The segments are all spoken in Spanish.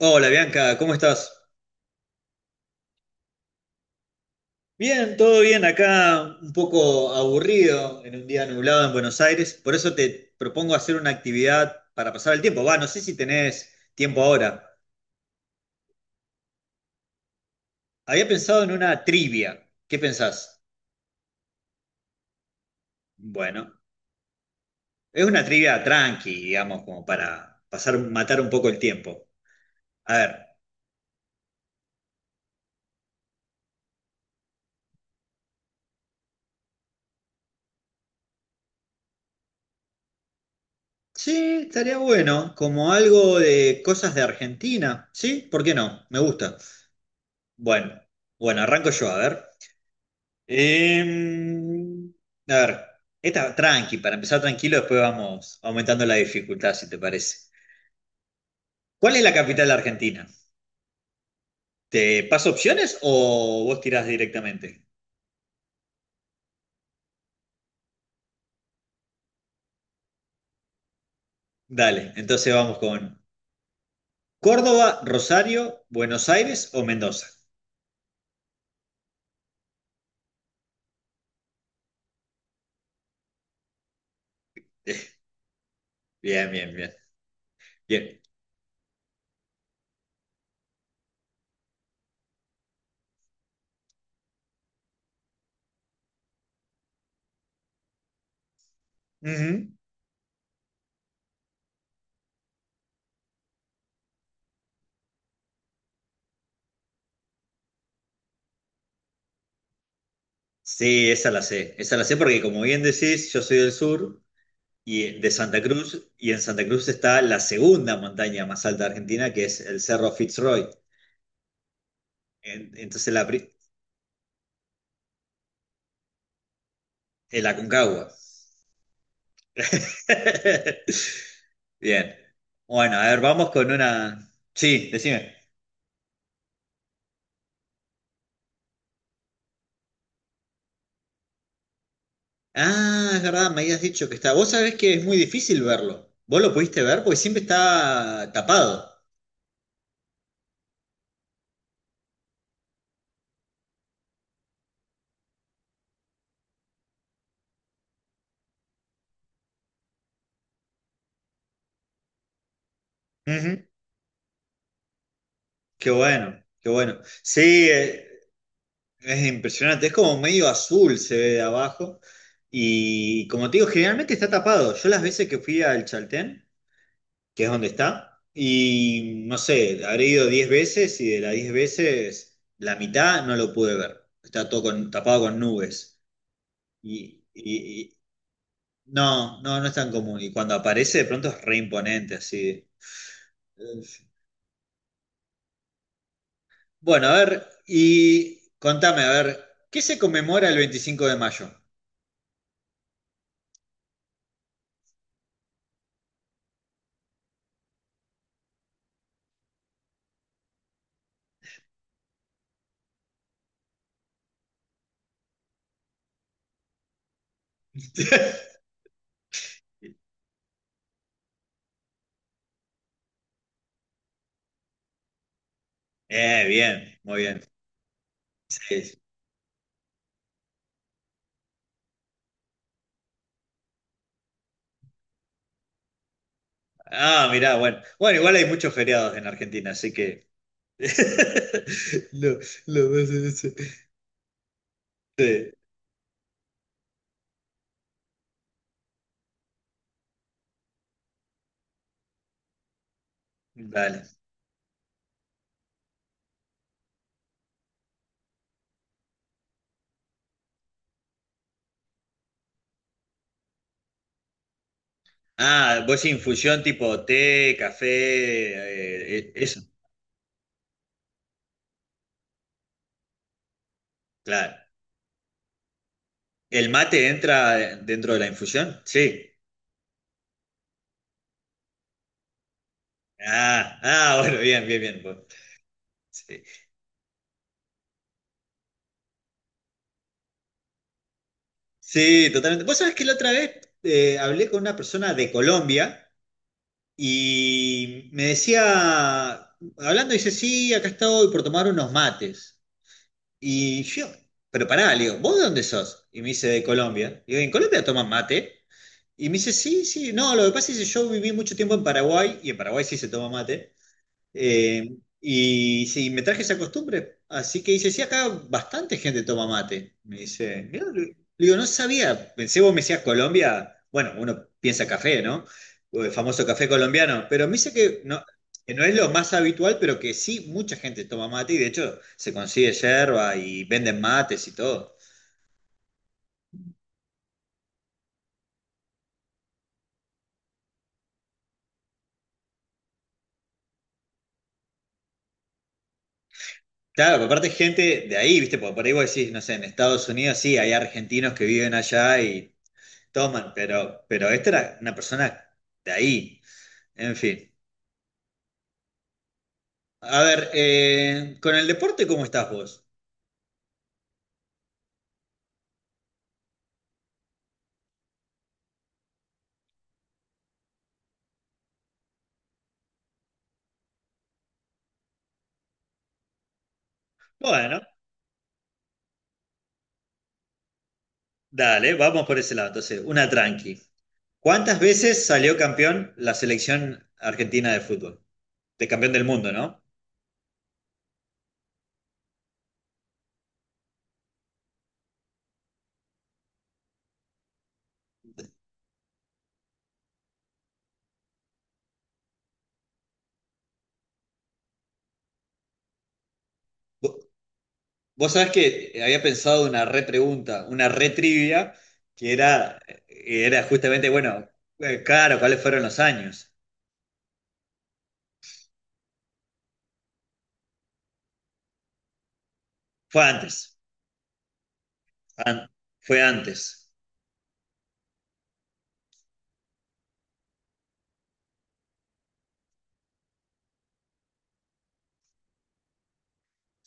Hola Bianca, ¿cómo estás? Bien, todo bien acá, un poco aburrido en un día nublado en Buenos Aires, por eso te propongo hacer una actividad para pasar el tiempo. Va, no sé si tenés tiempo ahora. Había pensado en una trivia. ¿Qué pensás? Bueno, es una trivia tranqui, digamos, como para pasar, matar un poco el tiempo. A ver, sí, estaría bueno, como algo de cosas de Argentina, ¿sí? ¿Por qué no? Me gusta. Bueno, bueno, arranco yo, a ver. Em, a ver, esta tranqui, para empezar tranquilo, después vamos aumentando la dificultad, si te parece. ¿Cuál es la capital de Argentina? ¿Te paso opciones o vos tirás directamente? Dale, entonces vamos con Córdoba, Rosario, Buenos Aires o Mendoza. Bien, bien, bien. Bien. Ujú. Sí, esa la sé. Esa la sé porque, como bien decís, yo soy del sur y de Santa Cruz, y en Santa Cruz está la segunda montaña más alta de Argentina, que es el Cerro Fitzroy. En- Entonces la, pri- el Aconcagua. Bien. Bueno, a ver, vamos con una. Sí, decime. Ah, es verdad, me habías dicho que está. Vos sabés que es muy difícil verlo. ¿Vos lo pudiste ver? Porque siempre está tapado. Ujú. Qué bueno, qué bueno. Sí, es impresionante. Es como medio azul, se ve de abajo. Y como te digo, generalmente está tapado. Yo las veces que fui al Chaltén, que es donde está. Y no sé, habré ido 10 veces y de las 10 veces la mitad no lo pude ver. Está todo tapado con nubes. Y, y- y- no, no, no es tan común. Y cuando aparece de pronto es re imponente, así. Bueno, a ver, y contame, a ver, ¿qué se conmemora el veinticinco de mayo? Bien, muy bien. Sí, sí. Ah, mirá, bueno. Bueno, igual hay muchos feriados en Argentina, así que... Lo, lo vas a decir. Sí, dale. Ah, vos infusión tipo té, café, eso, claro. ¿El mate entra dentro de la infusión? Sí. Ah, ah, bueno, bien, bien, bien. Vos. Sí, sí, totalmente. Vos sabés que la otra vez hablé con una persona de Colombia y me decía, hablando, dice, sí, acá estoy por tomar unos mates. Y yo, pero pará, le digo, ¿vos de dónde sos? Y me dice, de Colombia. Y digo, ¿en Colombia toman mate? Y me dice, sí, sí, no, lo que pasa es que yo viví mucho tiempo en Paraguay, y en Paraguay sí se toma mate, y sí, me traje esa costumbre. Así que dice, sí, acá bastante gente toma mate. Me dice, mirá, le digo, no sabía, pensé vos me decías Colombia, bueno, uno piensa café, ¿no? O el famoso café colombiano, pero me dice que no es lo más habitual, pero que sí, mucha gente toma mate, y de hecho se consigue yerba y venden mates y todo. Claro, aparte gente de ahí, ¿viste? Porque por ahí vos decís, no sé, en Estados Unidos sí, hay argentinos que viven allá y toman, pero esta era una persona de ahí. En fin. A ver, con el deporte, ¿cómo estás vos? Bueno, dale, vamos por ese lado. Entonces, una tranqui. ¿Cuántas veces salió campeón la selección argentina de fútbol? De campeón del mundo, ¿no? Vos sabés que había pensado una repregunta, una retrivia, que era justamente, bueno, claro, ¿cuáles fueron los años? Fue antes, an- fue antes.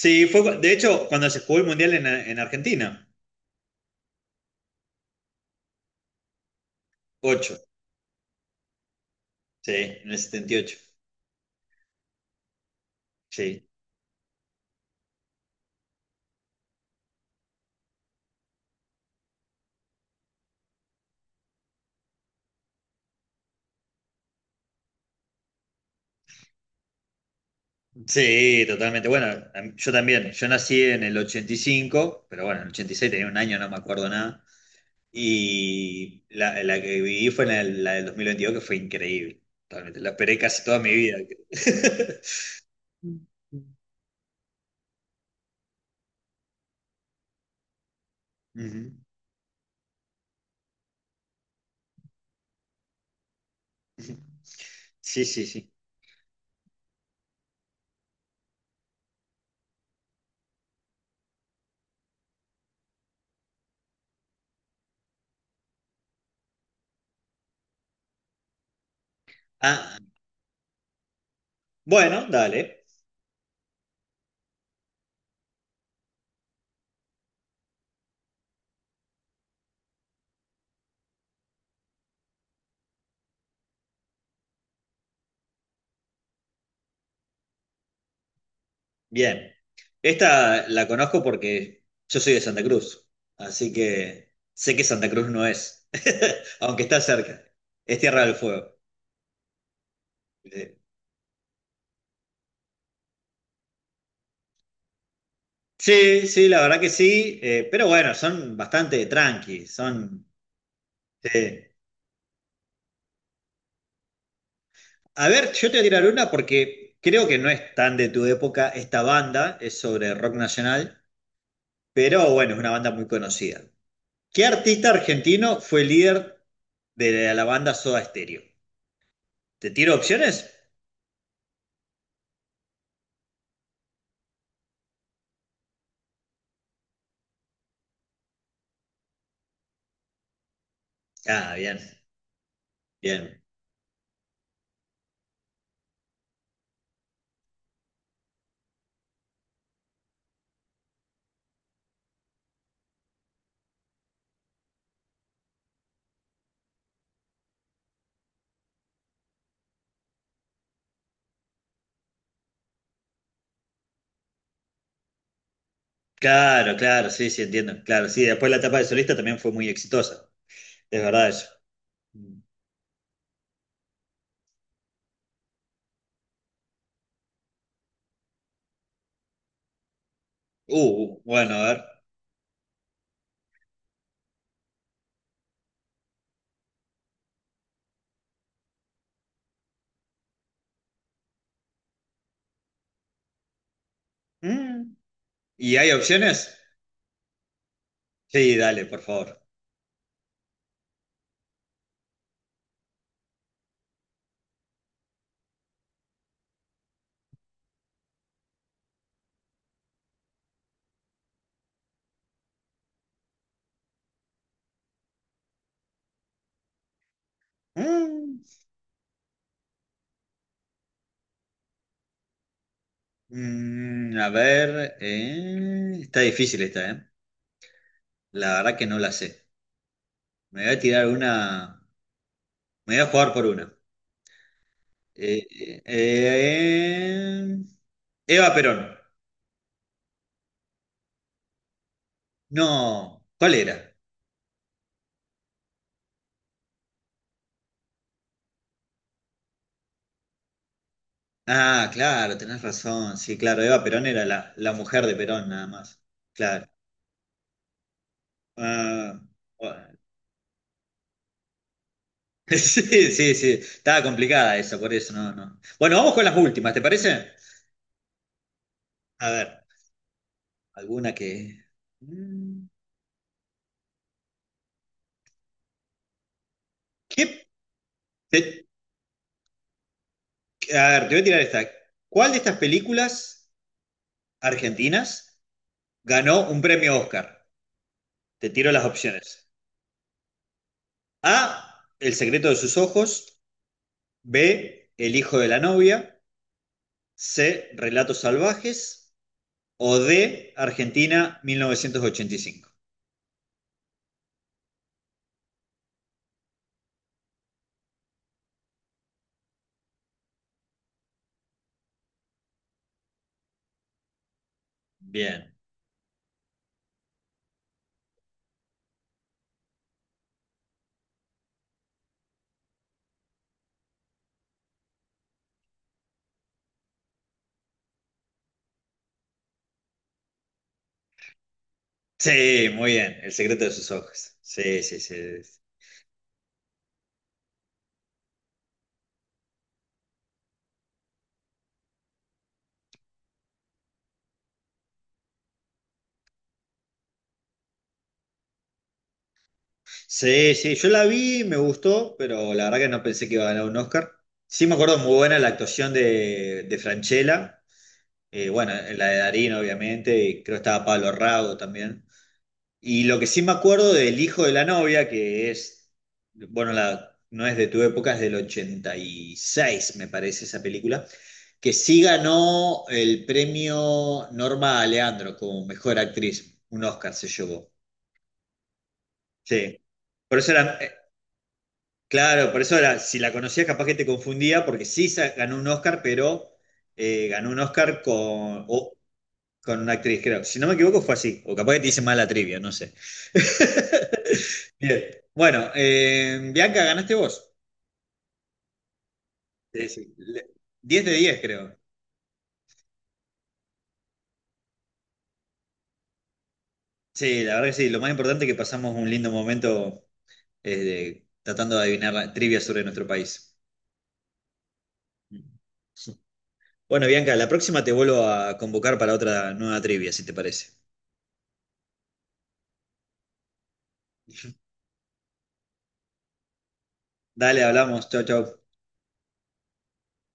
Sí, de hecho, cuando se jugó el Mundial en Argentina, ocho, sí, en el setenta y ocho. Sí. Sí, totalmente. Bueno, yo también, yo nací en el 85 pero bueno, en el 86 tenía un año, no me acuerdo nada. Y la que viví fue la del 2022 que fue increíble. Totalmente. La esperé casi toda mi vida. Ujú. Sí, sí, sí. Ah, bueno, dale. Bien. Esta la conozco porque yo soy de Santa Cruz, así que sé que Santa Cruz no es, aunque está cerca. Es Tierra del Fuego. Eh, Sí, sí, la verdad que sí, pero bueno, son bastante tranqui, son... sí. A ver, yo te voy a tirar una porque creo que no es tan de tu época esta banda, es sobre rock nacional, pero bueno, es una banda muy conocida. ¿Qué artista argentino fue el líder de la banda Soda Stereo? ¿Te tiro opciones? Ah, bien, bien. Claro, claro, sí, sí, entiendo. Claro, sí, después la etapa de solista también fue muy exitosa. Es verdad eso. Mm. Bueno, a ver. Mm. ¿Y hay opciones? Sí, dale, por favor. Mm. Mm, a ver, está difícil esta, ¿eh? La verdad que no la sé. Me voy a tirar una, me voy a jugar por una. Eh, eh, eh, Eva Perón. No, ¿cuál era? Ah, claro, tenés razón. Sí, claro, Eva Perón era la, la mujer de Perón, nada más. Claro. Ah, bueno. Sí, sí, sí. Estaba complicada esa, por eso no, no. Bueno, vamos con las últimas, ¿te parece? A ver, alguna que. Mm, ¿qué? A ver, te voy a tirar esta. ¿Cuál de estas películas argentinas ganó un premio Oscar? Te tiro las opciones. A, El secreto de sus ojos. B, El hijo de la novia. C, Relatos salvajes. O D, Argentina 1985. Bien. Sí, muy bien. El secreto de sus ojos. Sí, sí, sí. Sí, sí. Yo la vi, me gustó, pero la verdad que no pensé que iba a ganar un Oscar. Sí me acuerdo, muy buena la actuación de Francella. Bueno, la de Darín, obviamente, y creo que estaba Pablo Rago también. Y lo que sí me acuerdo del hijo de la novia, que es, bueno, la, no es de tu época, es del 86, me parece esa película, que sí ganó el premio Norma Aleandro como mejor actriz, un Oscar se llevó. Sí. Por eso era, claro, por eso era, si la conocías capaz que te confundía, porque ganó un Oscar, pero ganó un Oscar con, con una actriz, creo. Si no me equivoco, fue así. O capaz que te hice mal la trivia, no sé. Bien. Bueno, Bianca, ganaste vos. Sí, sí. 10 de 10, creo. Sí, la verdad que sí. Lo más importante es que pasamos un lindo momento tratando de adivinar la trivia sobre nuestro país. Bueno, Bianca, la próxima te vuelvo a convocar para otra nueva trivia, si te parece. Dale, hablamos. Chau, chau.